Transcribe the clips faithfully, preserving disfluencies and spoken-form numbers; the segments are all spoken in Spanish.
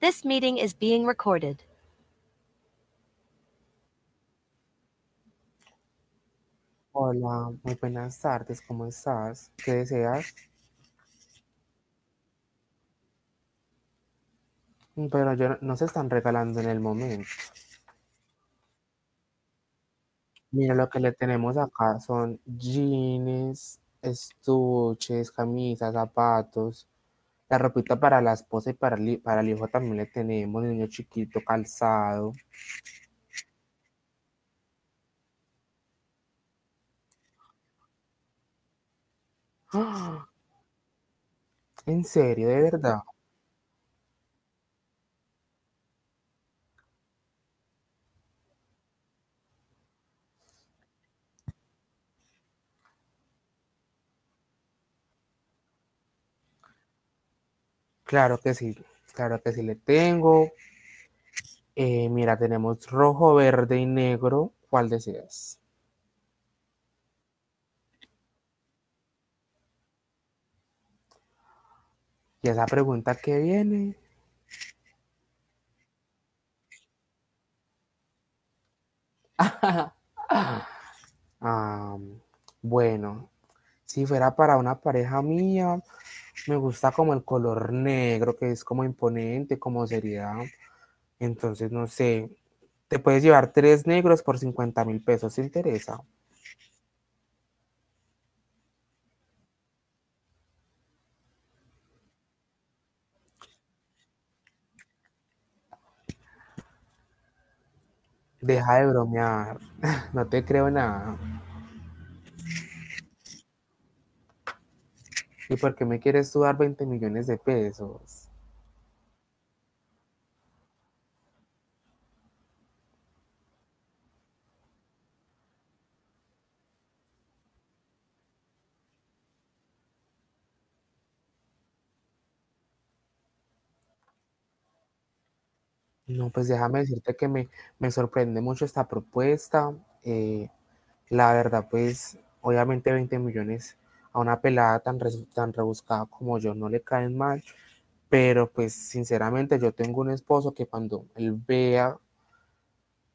This meeting is being recorded. Hola, muy buenas tardes, ¿cómo estás? ¿Qué deseas? Pero yo no, no se están regalando en el momento. Mira, lo que le tenemos acá son jeans, estuches, camisas, zapatos, la ropita para la esposa y para el, hi- para el hijo también le tenemos, niño chiquito, calzado. ¡Ah! ¿En serio, de verdad? Claro que sí, claro que sí le tengo. Eh, mira, tenemos rojo, verde y negro. ¿Cuál deseas? Y esa pregunta que viene, am, bueno, si fuera para una pareja mía, me gusta como el color negro, que es como imponente, como seriedad. Entonces, no sé, te puedes llevar tres negros por cincuenta mil pesos, ¿te interesa? Deja de bromear, no te creo nada. ¿Y por qué me quieres tú dar veinte millones de pesos? No, pues déjame decirte que me, me sorprende mucho esta propuesta. eh, La verdad, pues obviamente veinte millones a una pelada tan, res- tan rebuscada como yo no le caen mal, pero pues sinceramente yo tengo un esposo que cuando él vea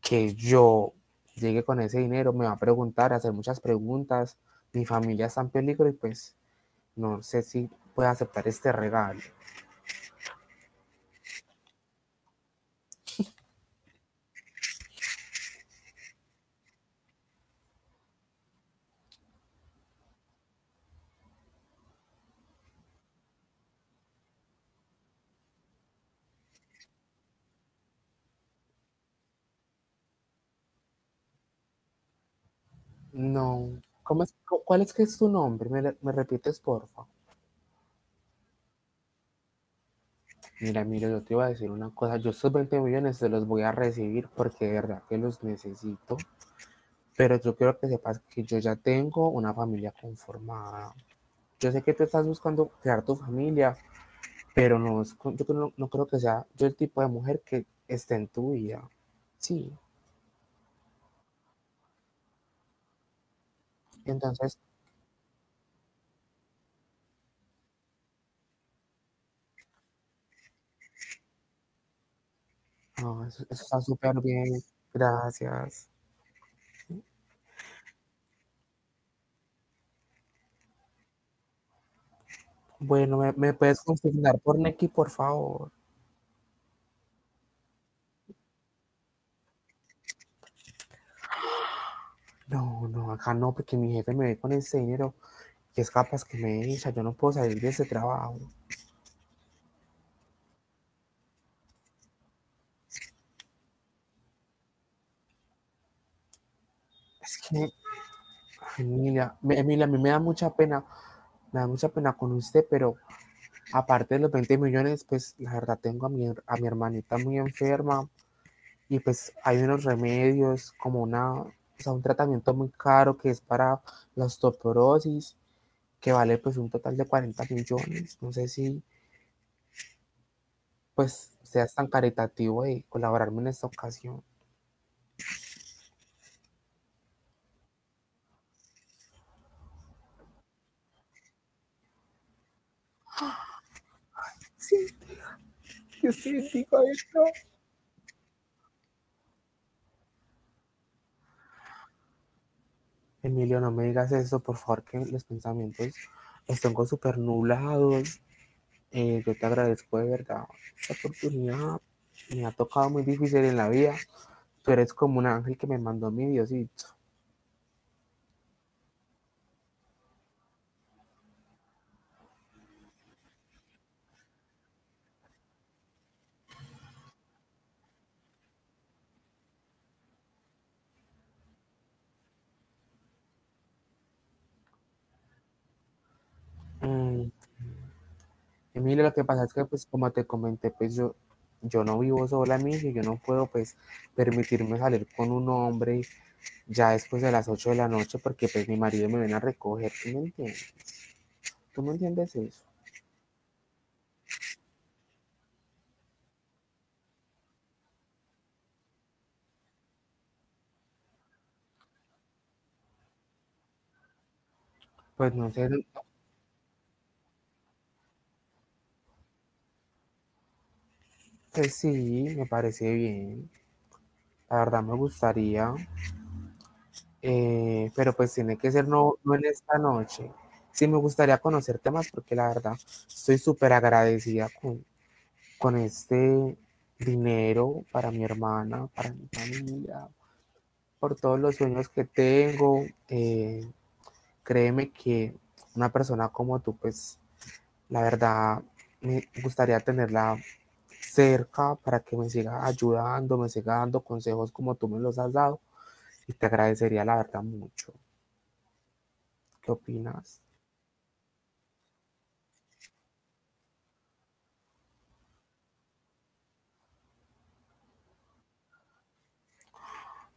que yo llegue con ese dinero me va a preguntar, a hacer muchas preguntas, mi familia está en peligro y pues no sé si puede aceptar este regalo. No, ¿Cómo es- ¿cuál es que es tu nombre? ¿Me, me repites, porfa? Mira, Emilio, yo te iba a decir una cosa. Yo estos veinte millones se los voy a recibir porque de verdad que los necesito. Pero yo quiero que sepas que yo ya tengo una familia conformada. Yo sé que tú estás buscando crear tu familia, pero no, es yo no, no creo que sea yo el tipo de mujer que esté en tu vida. Sí, entonces, no, eso, eso está súper bien. Gracias. Bueno, ¿me, me puedes consignar por Nequi, por favor? No, no, acá no, porque mi jefe me ve con ese dinero que es capaz que me echa, yo no puedo salir de ese trabajo. Es que, Emilia, me- Emilia, a mí me da mucha pena, me da mucha pena con usted, pero aparte de los veinte millones, pues la verdad tengo a mi, a mi hermanita muy enferma y pues hay unos remedios como una, o sea, un tratamiento muy caro que es para la osteoporosis, que vale pues un total de cuarenta millones. No sé si pues seas tan caritativo de colaborarme en esta ocasión. Sí, yo sí digo esto. Emilio, no me digas eso, por favor, que los pensamientos están con súper nublados. Eh, yo te agradezco de verdad esta oportunidad. Me ha tocado muy difícil en la vida. Tú eres como un ángel que me mandó mi Diosito. Mm, Emilio, lo que pasa es que, pues, como te comenté, pues yo, yo no vivo sola, Emilio, y yo no puedo, pues, permitirme salir con un hombre ya después de las ocho de la noche porque, pues, mi marido me viene a recoger. ¿Tú me entiendes? ¿Tú me entiendes eso? Pues, no sé, pues sí, me parece bien. La verdad me gustaría, eh, pero pues tiene que ser no, no en esta noche. Sí me gustaría conocerte más porque la verdad estoy súper agradecida con, con este dinero para mi hermana, para mi familia, por todos los sueños que tengo. Eh, créeme que una persona como tú, pues la verdad me gustaría tenerla cerca para que me siga ayudando, me siga dando consejos como tú me los has dado. Y te agradecería la verdad mucho. ¿Qué opinas?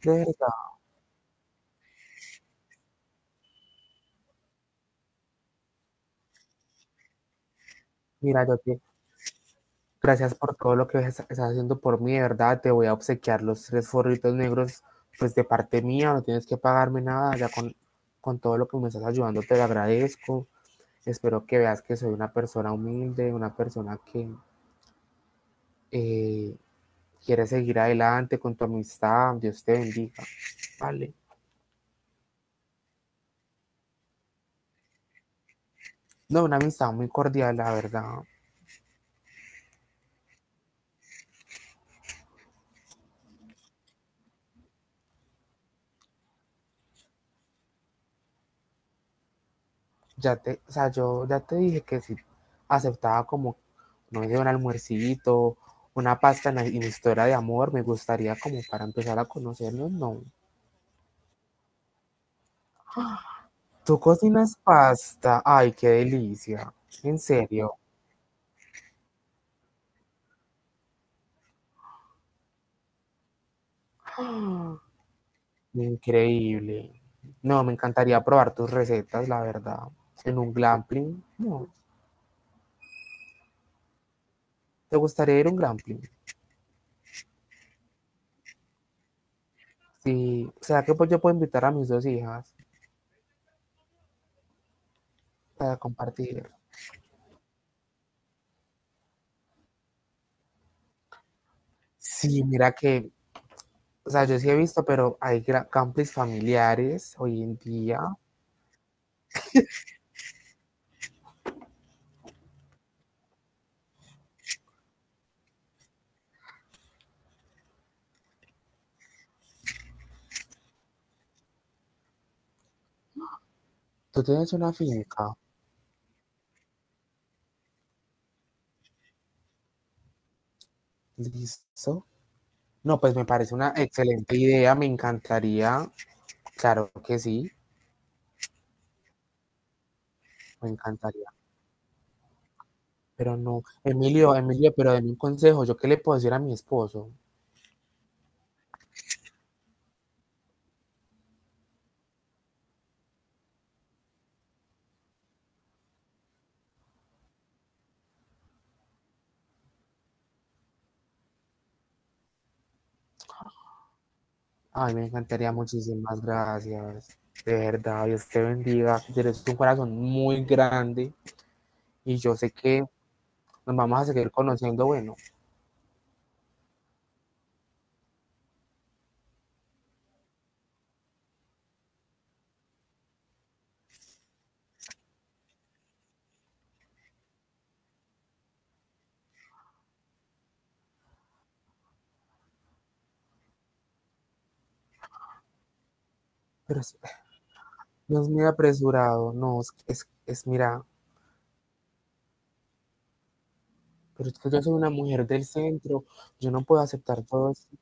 De verdad, mira, yo te gracias por todo lo que es- estás haciendo por mí, de verdad. Te voy a obsequiar los tres forritos negros, pues de parte mía, no tienes que pagarme nada, ya con, con todo lo que me estás ayudando, te lo agradezco. Espero que veas que soy una persona humilde, una persona que eh, quiere seguir adelante con tu amistad. Dios te bendiga. Vale. No, una amistad muy cordial, la verdad. Ya te, o sea, yo ya te dije que si aceptaba como, no sé, un almuercito, una pasta en, la, en la historia de amor, me gustaría como para empezar a conocernos, no. Tú cocinas pasta, ay, qué delicia, en serio, increíble. No, me encantaría probar tus recetas, la verdad. En un glamping no, ¿te gustaría ir a un glamping? Sí, o sea que pues yo puedo invitar a mis dos hijas para compartir. Sí, mira que. O sea, yo sí he visto, pero hay gra- campings familiares hoy en día. Tú tienes una finca, ¿listo? No, pues me parece una excelente idea, me encantaría, claro que sí, me encantaría. Pero no, Emilio, Emilio, pero denme un consejo, ¿yo qué le puedo decir a mi esposo? Ay, me encantaría, muchísimas gracias. De verdad, Dios te bendiga, tienes un corazón muy grande y yo sé que nos vamos a seguir conociendo, bueno, pero es- Dios mío, apresurado, no, es, es, es- mira. Pero es que yo soy una mujer del centro, yo no puedo aceptar todo esto.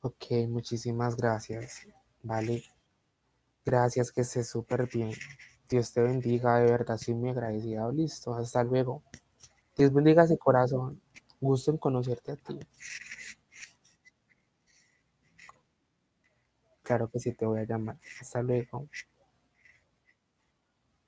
Ok, muchísimas gracias. Vale, gracias, que estés súper bien. Dios te bendiga, de verdad, soy muy agradecida. Listo, hasta luego. Dios bendiga ese corazón. Gusto en conocerte a ti. Claro que sí, te voy a llamar. Hasta luego.